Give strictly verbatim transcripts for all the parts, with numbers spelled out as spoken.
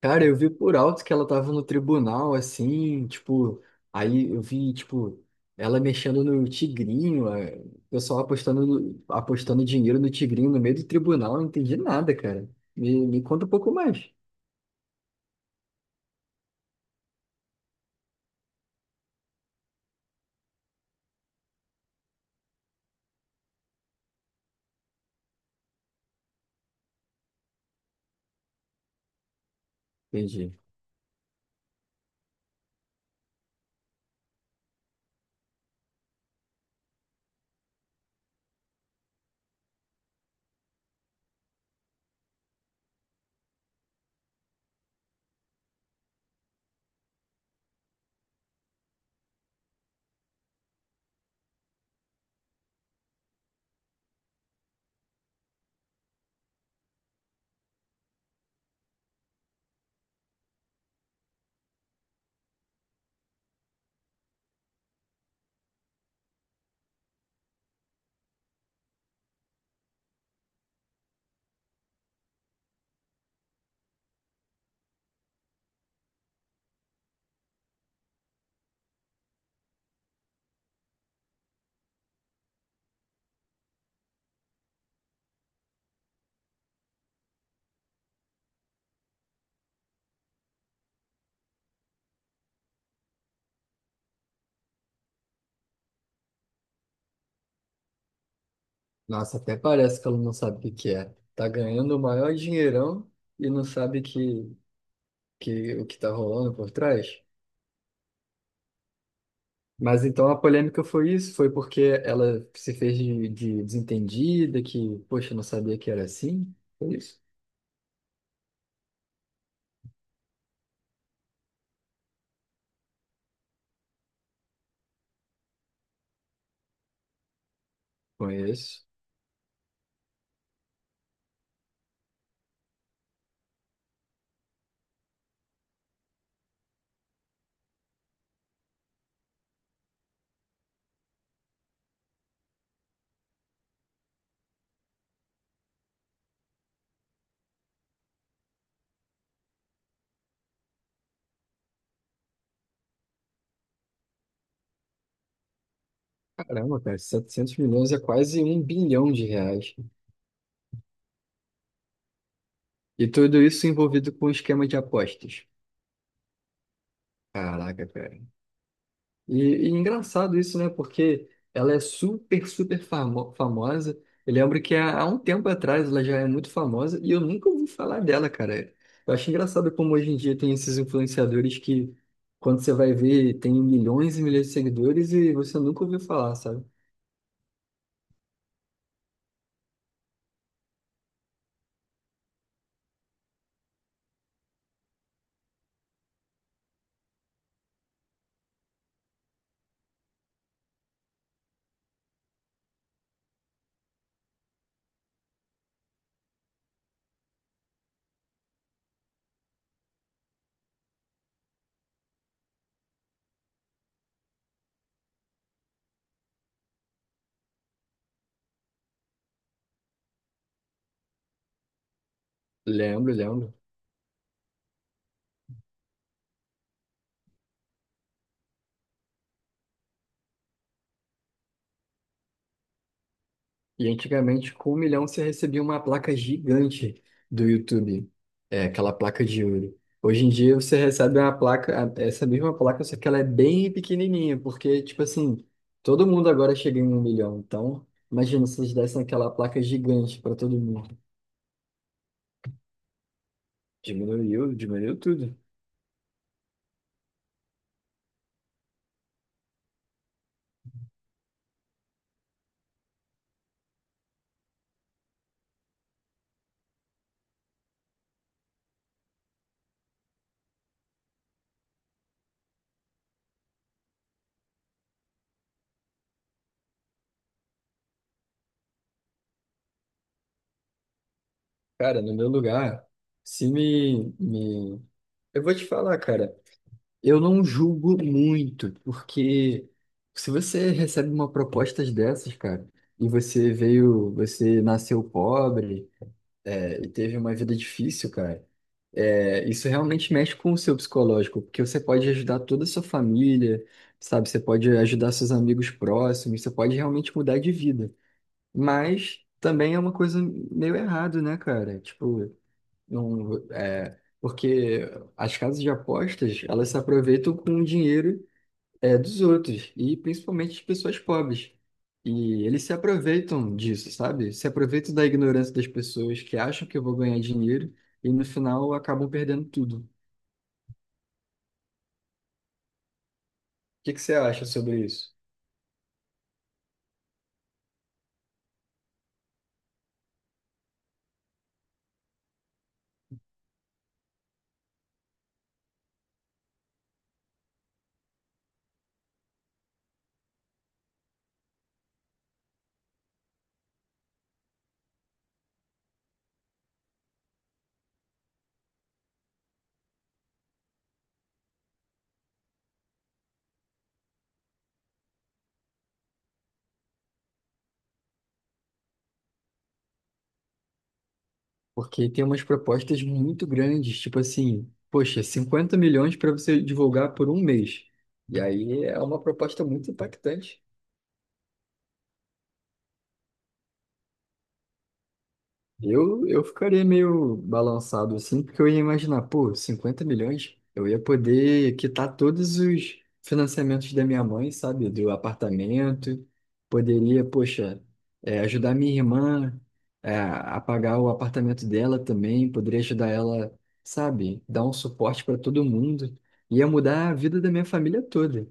Cara, eu vi por alto que ela tava no tribunal, assim, tipo, aí eu vi, tipo, ela mexendo no tigrinho, é, o pessoal apostando, no- apostando dinheiro no tigrinho no meio do tribunal, eu não entendi nada, cara. Me, me conta um pouco mais. Entendi. Nossa, até parece que ela não sabe o que que é. Tá ganhando o maior dinheirão e não sabe que, que, o que tá rolando por trás. Mas então a polêmica foi isso, foi porque ela se fez de, de desentendida, que, poxa, não sabia que era assim. Foi isso? Conheço. Caramba, cara, setecentos milhões é quase um bilhão de reais. E tudo isso envolvido com esquema de apostas. Caraca, cara. E, e engraçado isso, né? Porque ela é super, super famo- famosa. Eu lembro que há, há um tempo atrás ela já é muito famosa e eu nunca ouvi falar dela, cara. Eu acho engraçado como hoje em dia tem esses influenciadores que, quando você vai ver, tem milhões e milhões de seguidores e você nunca ouviu falar, sabe? Lembro, lembro. E antigamente, com um milhão, você recebia uma placa gigante do YouTube, é, aquela placa de ouro. Hoje em dia, você recebe uma placa, a- essa mesma placa, só que ela é bem pequenininha, porque, tipo assim, todo mundo agora chega em um milhão. Então, imagina se eles dessem aquela placa gigante para todo mundo. Diminuiu, diminuiu tudo. Cara, no meu lugar, se me, me... Eu vou te falar, cara. Eu não julgo muito, porque se você recebe uma proposta dessas, cara, e você veio, você nasceu pobre, é, e teve uma vida difícil, cara, é, isso realmente mexe com o seu psicológico, porque você pode ajudar toda a sua família, sabe? Você pode ajudar seus amigos próximos, você pode realmente mudar de vida. Mas também é uma coisa meio errado, né, cara? Tipo. Não, é, porque as casas de apostas, elas se aproveitam com o dinheiro, é, dos outros, e principalmente de pessoas pobres. E eles se aproveitam disso, sabe? Se aproveitam da ignorância das pessoas que acham que eu vou ganhar dinheiro e no final acabam perdendo tudo. O que que você acha sobre isso? Porque tem umas propostas muito grandes, tipo assim, poxa, cinquenta milhões para você divulgar por um mês. E aí é uma proposta muito impactante. Eu, eu ficaria meio balançado assim, porque eu ia imaginar, pô, cinquenta milhões, eu ia poder quitar todos os financiamentos da minha mãe, sabe? Do apartamento, poderia, poxa, é, ajudar minha irmã, é, a pagar o apartamento dela também, poderia ajudar ela, sabe? Dar um suporte para todo mundo, ia mudar a vida da minha família toda.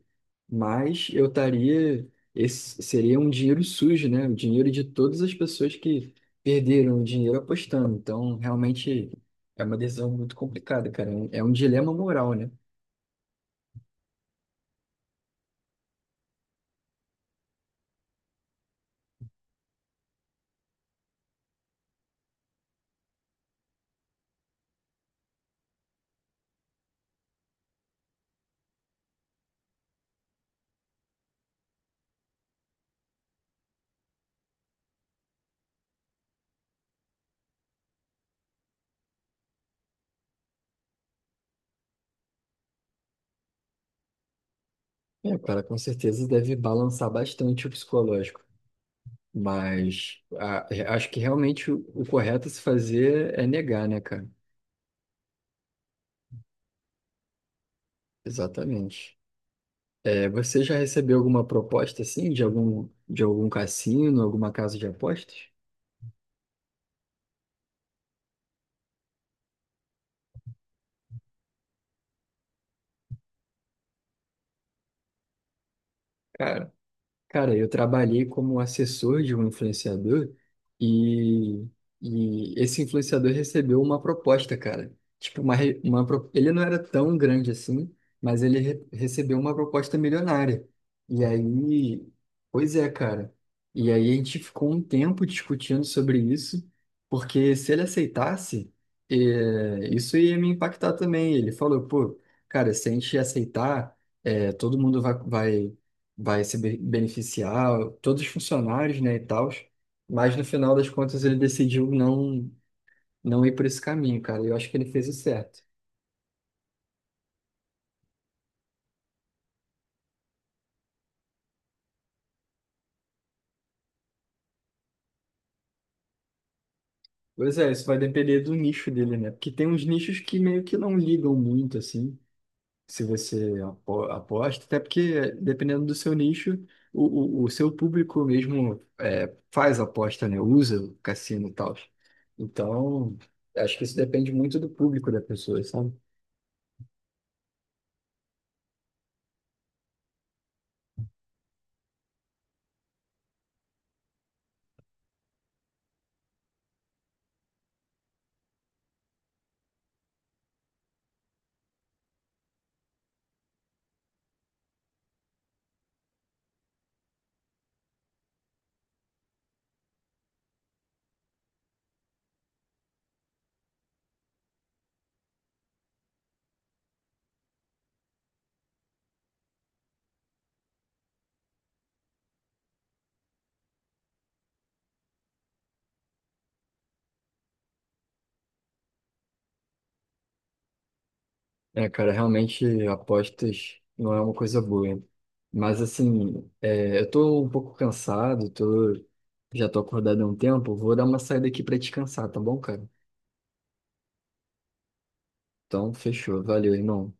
Mas eu estaria, esse seria um dinheiro sujo, né? O dinheiro de todas as pessoas que perderam dinheiro apostando. Então, realmente é uma decisão muito complicada, cara. É um é um dilema moral, né? É, o cara com certeza deve balançar bastante o psicológico. Mas a- é, acho que realmente o, o correto a se fazer é negar, né, cara? Exatamente. É, você já recebeu alguma proposta assim de algum de algum cassino, alguma casa de apostas? Cara, Cara, eu trabalhei como assessor de um influenciador e, e esse influenciador recebeu uma proposta, cara. Tipo, uma, re- uma, pro- ele não era tão grande assim, mas ele re- recebeu uma proposta milionária. E aí, pois é, cara. E aí a gente ficou um tempo discutindo sobre isso, porque se ele aceitasse, eh, isso ia me impactar também. Ele falou, pô, cara, se a gente aceitar, eh, todo mundo vai, vai vai se be- beneficiar, todos os funcionários, né, e tal. Mas no final das contas ele decidiu não não ir por esse caminho, cara. Eu acho que ele fez o certo. Pois é, isso vai depender do nicho dele, né? Porque tem uns nichos que meio que não ligam muito, assim, se você apo- aposta, até porque dependendo do seu nicho, o, o, o seu público mesmo é, faz aposta, né? Usa o cassino e tal. Então, acho que isso depende muito do público da pessoa, sabe? É, cara, realmente apostas não é uma coisa boa. Mas assim, é, eu tô um pouco cansado, tô, já tô acordado há um tempo, vou dar uma saída aqui pra descansar, tá bom, cara? Então, fechou. Valeu, irmão.